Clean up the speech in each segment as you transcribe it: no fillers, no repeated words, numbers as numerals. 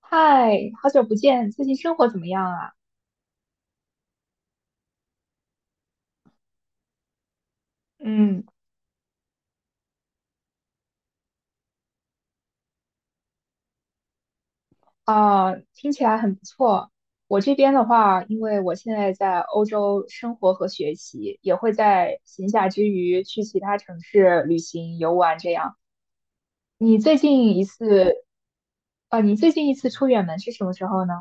嗨，好久不见，最近生活怎么样啊？嗯，啊，听起来很不错。我这边的话，因为我现在在欧洲生活和学习，也会在闲暇之余去其他城市旅行、游玩这样。你最近一次，啊，你最近一次出远门是什么时候呢？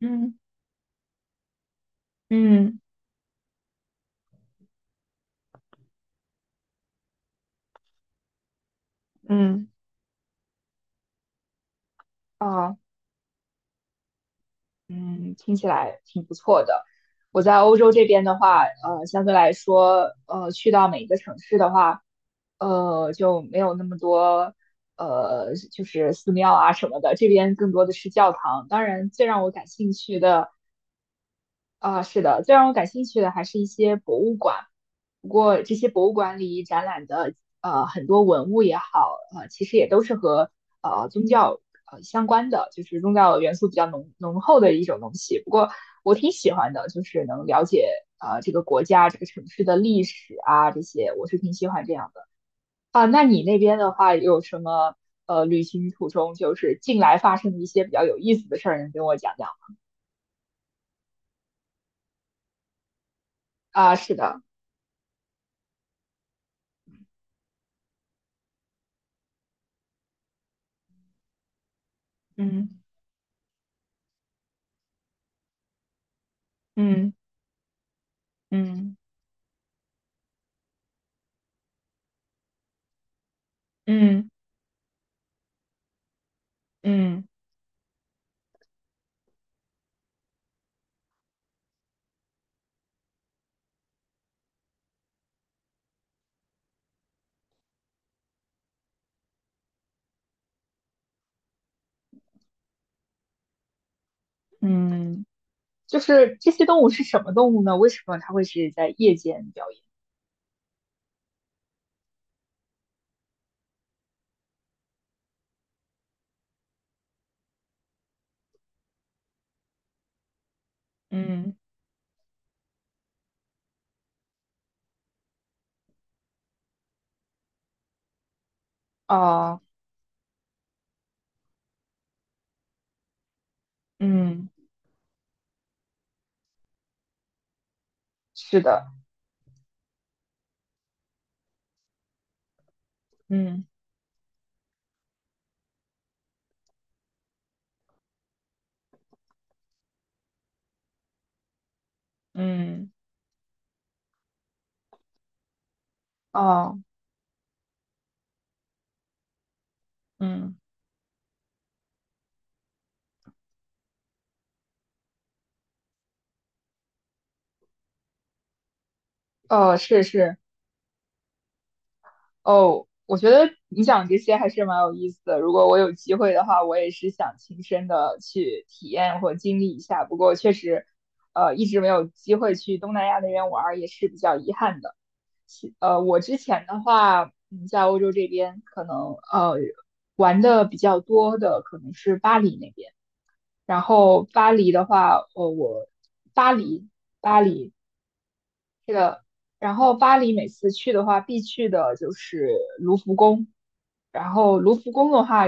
嗯嗯嗯，啊。嗯，听起来挺不错的。我在欧洲这边的话，相对来说，去到每一个城市的话，就没有那么多，就是寺庙啊什么的，这边更多的是教堂。当然，最让我感兴趣的，啊，是的，最让我感兴趣的还是一些博物馆。不过这些博物馆里展览的很多文物也好，其实也都是和宗教相关的，就是宗教元素比较浓厚的一种东西。不过我挺喜欢的，就是能了解这个国家、这个城市的历史啊这些，我是挺喜欢这样的。啊，那你那边的话有什么旅行途中就是近来发生的一些比较有意思的事儿，能跟我讲讲？啊，是的，嗯嗯。嗯嗯嗯嗯，就是这些动物是什么动物呢？为什么它会是在夜间表演？嗯啊嗯，是的，嗯嗯哦嗯哦，是是哦，我觉得你讲这些还是蛮有意思的。如果我有机会的话，我也是想亲身的去体验或经历一下。不过确实，一直没有机会去东南亚那边玩儿，也是比较遗憾的。我之前的话，在欧洲这边可能玩的比较多的可能是巴黎那边，然后巴黎的话，我巴黎巴黎。巴黎每次去的话必去的就是卢浮宫，然后卢浮宫的话，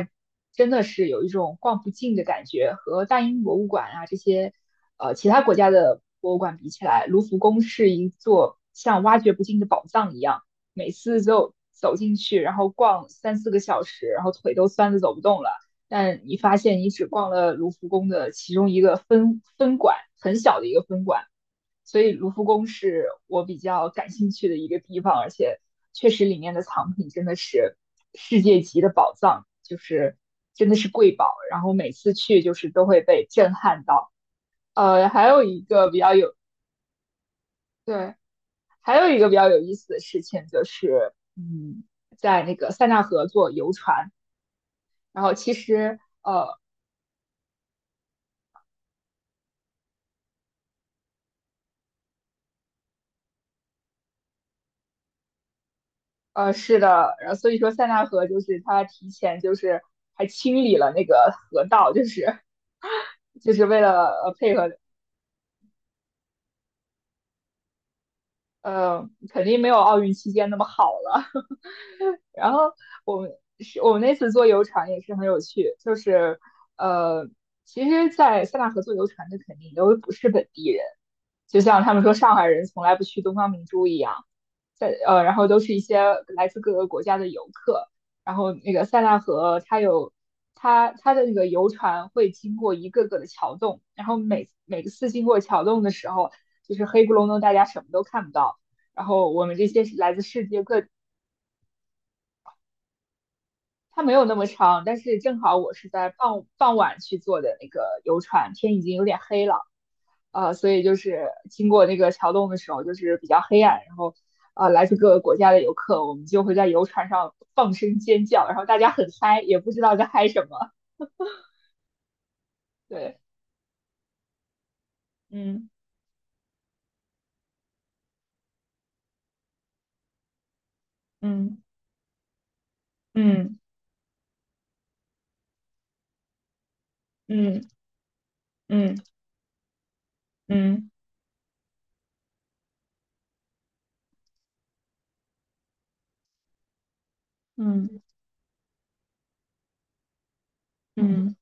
真的是有一种逛不尽的感觉，和大英博物馆啊这些，其他国家的博物馆比起来，卢浮宫是一座像挖掘不尽的宝藏一样，每次就走进去，然后逛三四个小时，然后腿都酸的走不动了。但你发现你只逛了卢浮宫的其中一个分馆，很小的一个分馆，所以卢浮宫是我比较感兴趣的一个地方，而且确实里面的藏品真的是世界级的宝藏，就是真的是瑰宝。然后每次去就是都会被震撼到。呃，还有一个比较有对，还有一个比较有意思的事情就是，嗯，在那个塞纳河坐游船，然后其实呃呃是的，然后所以说塞纳河就是它提前就是还清理了那个河道，就是为了配合肯定没有奥运期间那么好了。然后我们是我们那次坐游船也是很有趣，呃，其实，在塞纳河坐游船的肯定都不是本地人，就像他们说上海人从来不去东方明珠一样，然后都是一些来自各个国家的游客。然后那个塞纳河，它有它它的那个游船会经过一个个的桥洞，然后每次经过桥洞的时候，就是黑咕隆咚，大家什么都看不到。然后我们这些是来自世界各它没有那么长，但是正好我是在傍晚去坐的那个游船，天已经有点黑了，所以就是经过那个桥洞的时候，就是比较黑暗，然后来自各个国家的游客，我们就会在游船上放声尖叫，然后大家很嗨，也不知道在嗨什么。对，嗯嗯嗯嗯嗯嗯嗯嗯嗯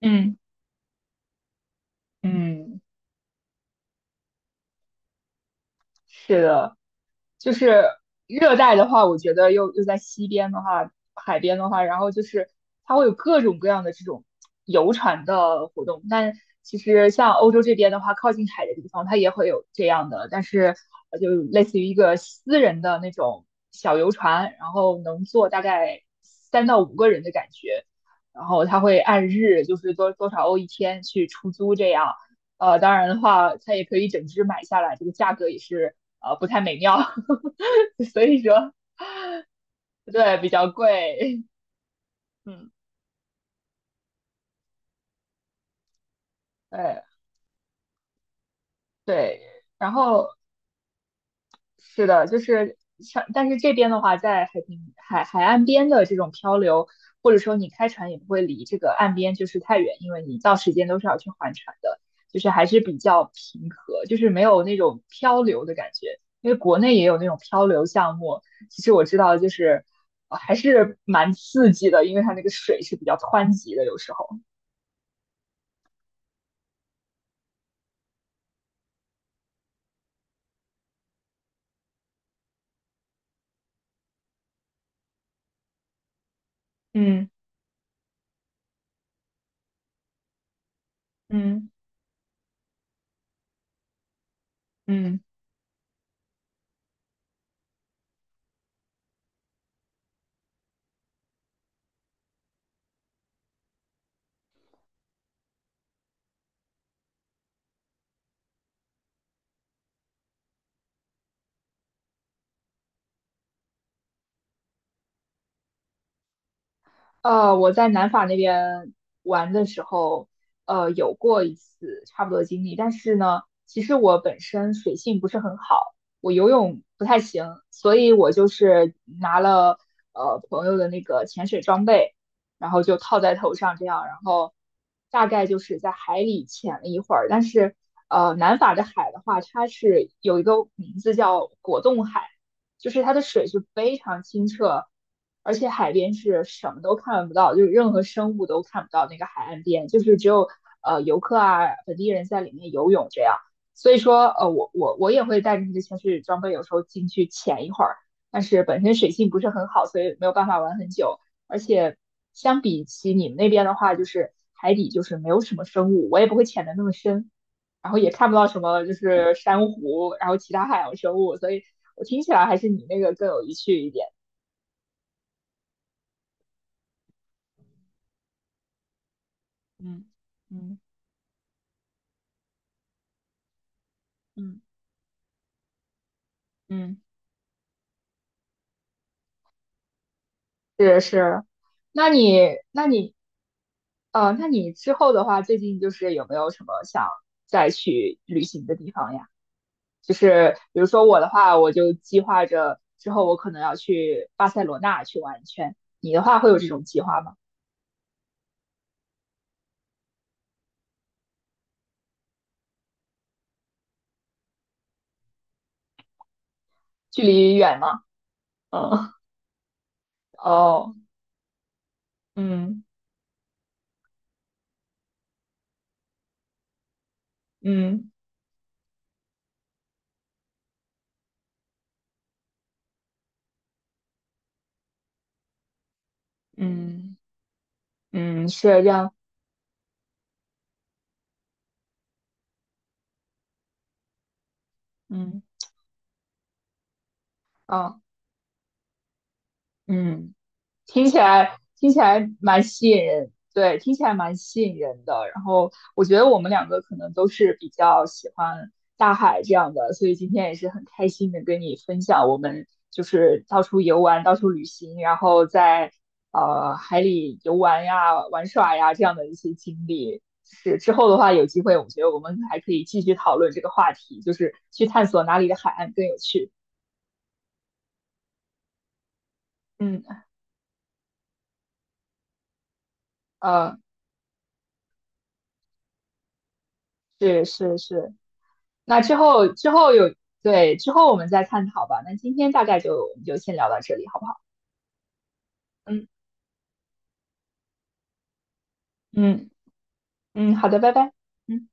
嗯。嗯嗯嗯是的，就是热带的话，我觉得又在西边的话，海边的话，然后就是它会有各种各样的这种游船的活动。但其实像欧洲这边的话，靠近海的地方，它也会有这样的，但是就类似于一个私人的那种小游船，然后能坐大概三到五个人的感觉。然后他会按日，就是多少欧一天去出租这样。当然的话，它也可以整只买下来，这个价格也是不太美妙 所以说对比较贵，嗯，对对，然后是的，就是像但是这边的话，在海平海海岸边的这种漂流，或者说你开船也不会离这个岸边就是太远，因为你到时间都是要去还船的，就是还是比较平和，就是没有那种漂流的感觉。因为国内也有那种漂流项目，其实我知道就是、还是蛮刺激的，因为它那个水是比较湍急的，有时候。嗯嗯嗯，我在南法那边玩的时候，有过一次差不多的经历，但是呢，其实我本身水性不是很好，我游泳不太行，所以我就是拿了朋友的那个潜水装备，然后就套在头上这样，然后大概就是在海里潜了一会儿，但是南法的海的话，它是有一个名字叫果冻海。就是它的水是非常清澈，而且海边是什么都看不到，就是任何生物都看不到那个海岸边，就是只有游客啊本地人在里面游泳这样。所以说，我也会带着这些潜水装备，有时候进去潜一会儿，但是本身水性不是很好，所以没有办法玩很久。而且相比起你们那边的话，就是海底就是没有什么生物，我也不会潜的那么深。然后也看不到什么就是珊瑚，然后其他海洋生物，所以我听起来还是你那个更有意趣一点。嗯嗯嗯，嗯，是是。那你那你之后的话，最近就是有没有什么想再去旅行的地方呀？就是比如说我的话，我就计划着之后我可能要去巴塞罗那去玩一圈。你的话会有这种计划吗？距离远吗？嗯，哦，嗯嗯嗯。嗯，是这样。嗯，啊，嗯，听起来听起来蛮吸引人，对，听起来蛮吸引人的。然后我觉得我们两个可能都是比较喜欢大海这样的，所以今天也是很开心的跟你分享我们就是到处游玩、到处旅行，然后在海里游玩呀、玩耍呀这样的一些经历。是之后的话，有机会我觉得我们还可以继续讨论这个话题，就是去探索哪里的海岸更有趣。嗯，呃。是是是，那之后之后有，对，之后我们再探讨吧。那今天大概我们就先聊到这里，好不好？嗯嗯嗯，好的，拜拜。嗯。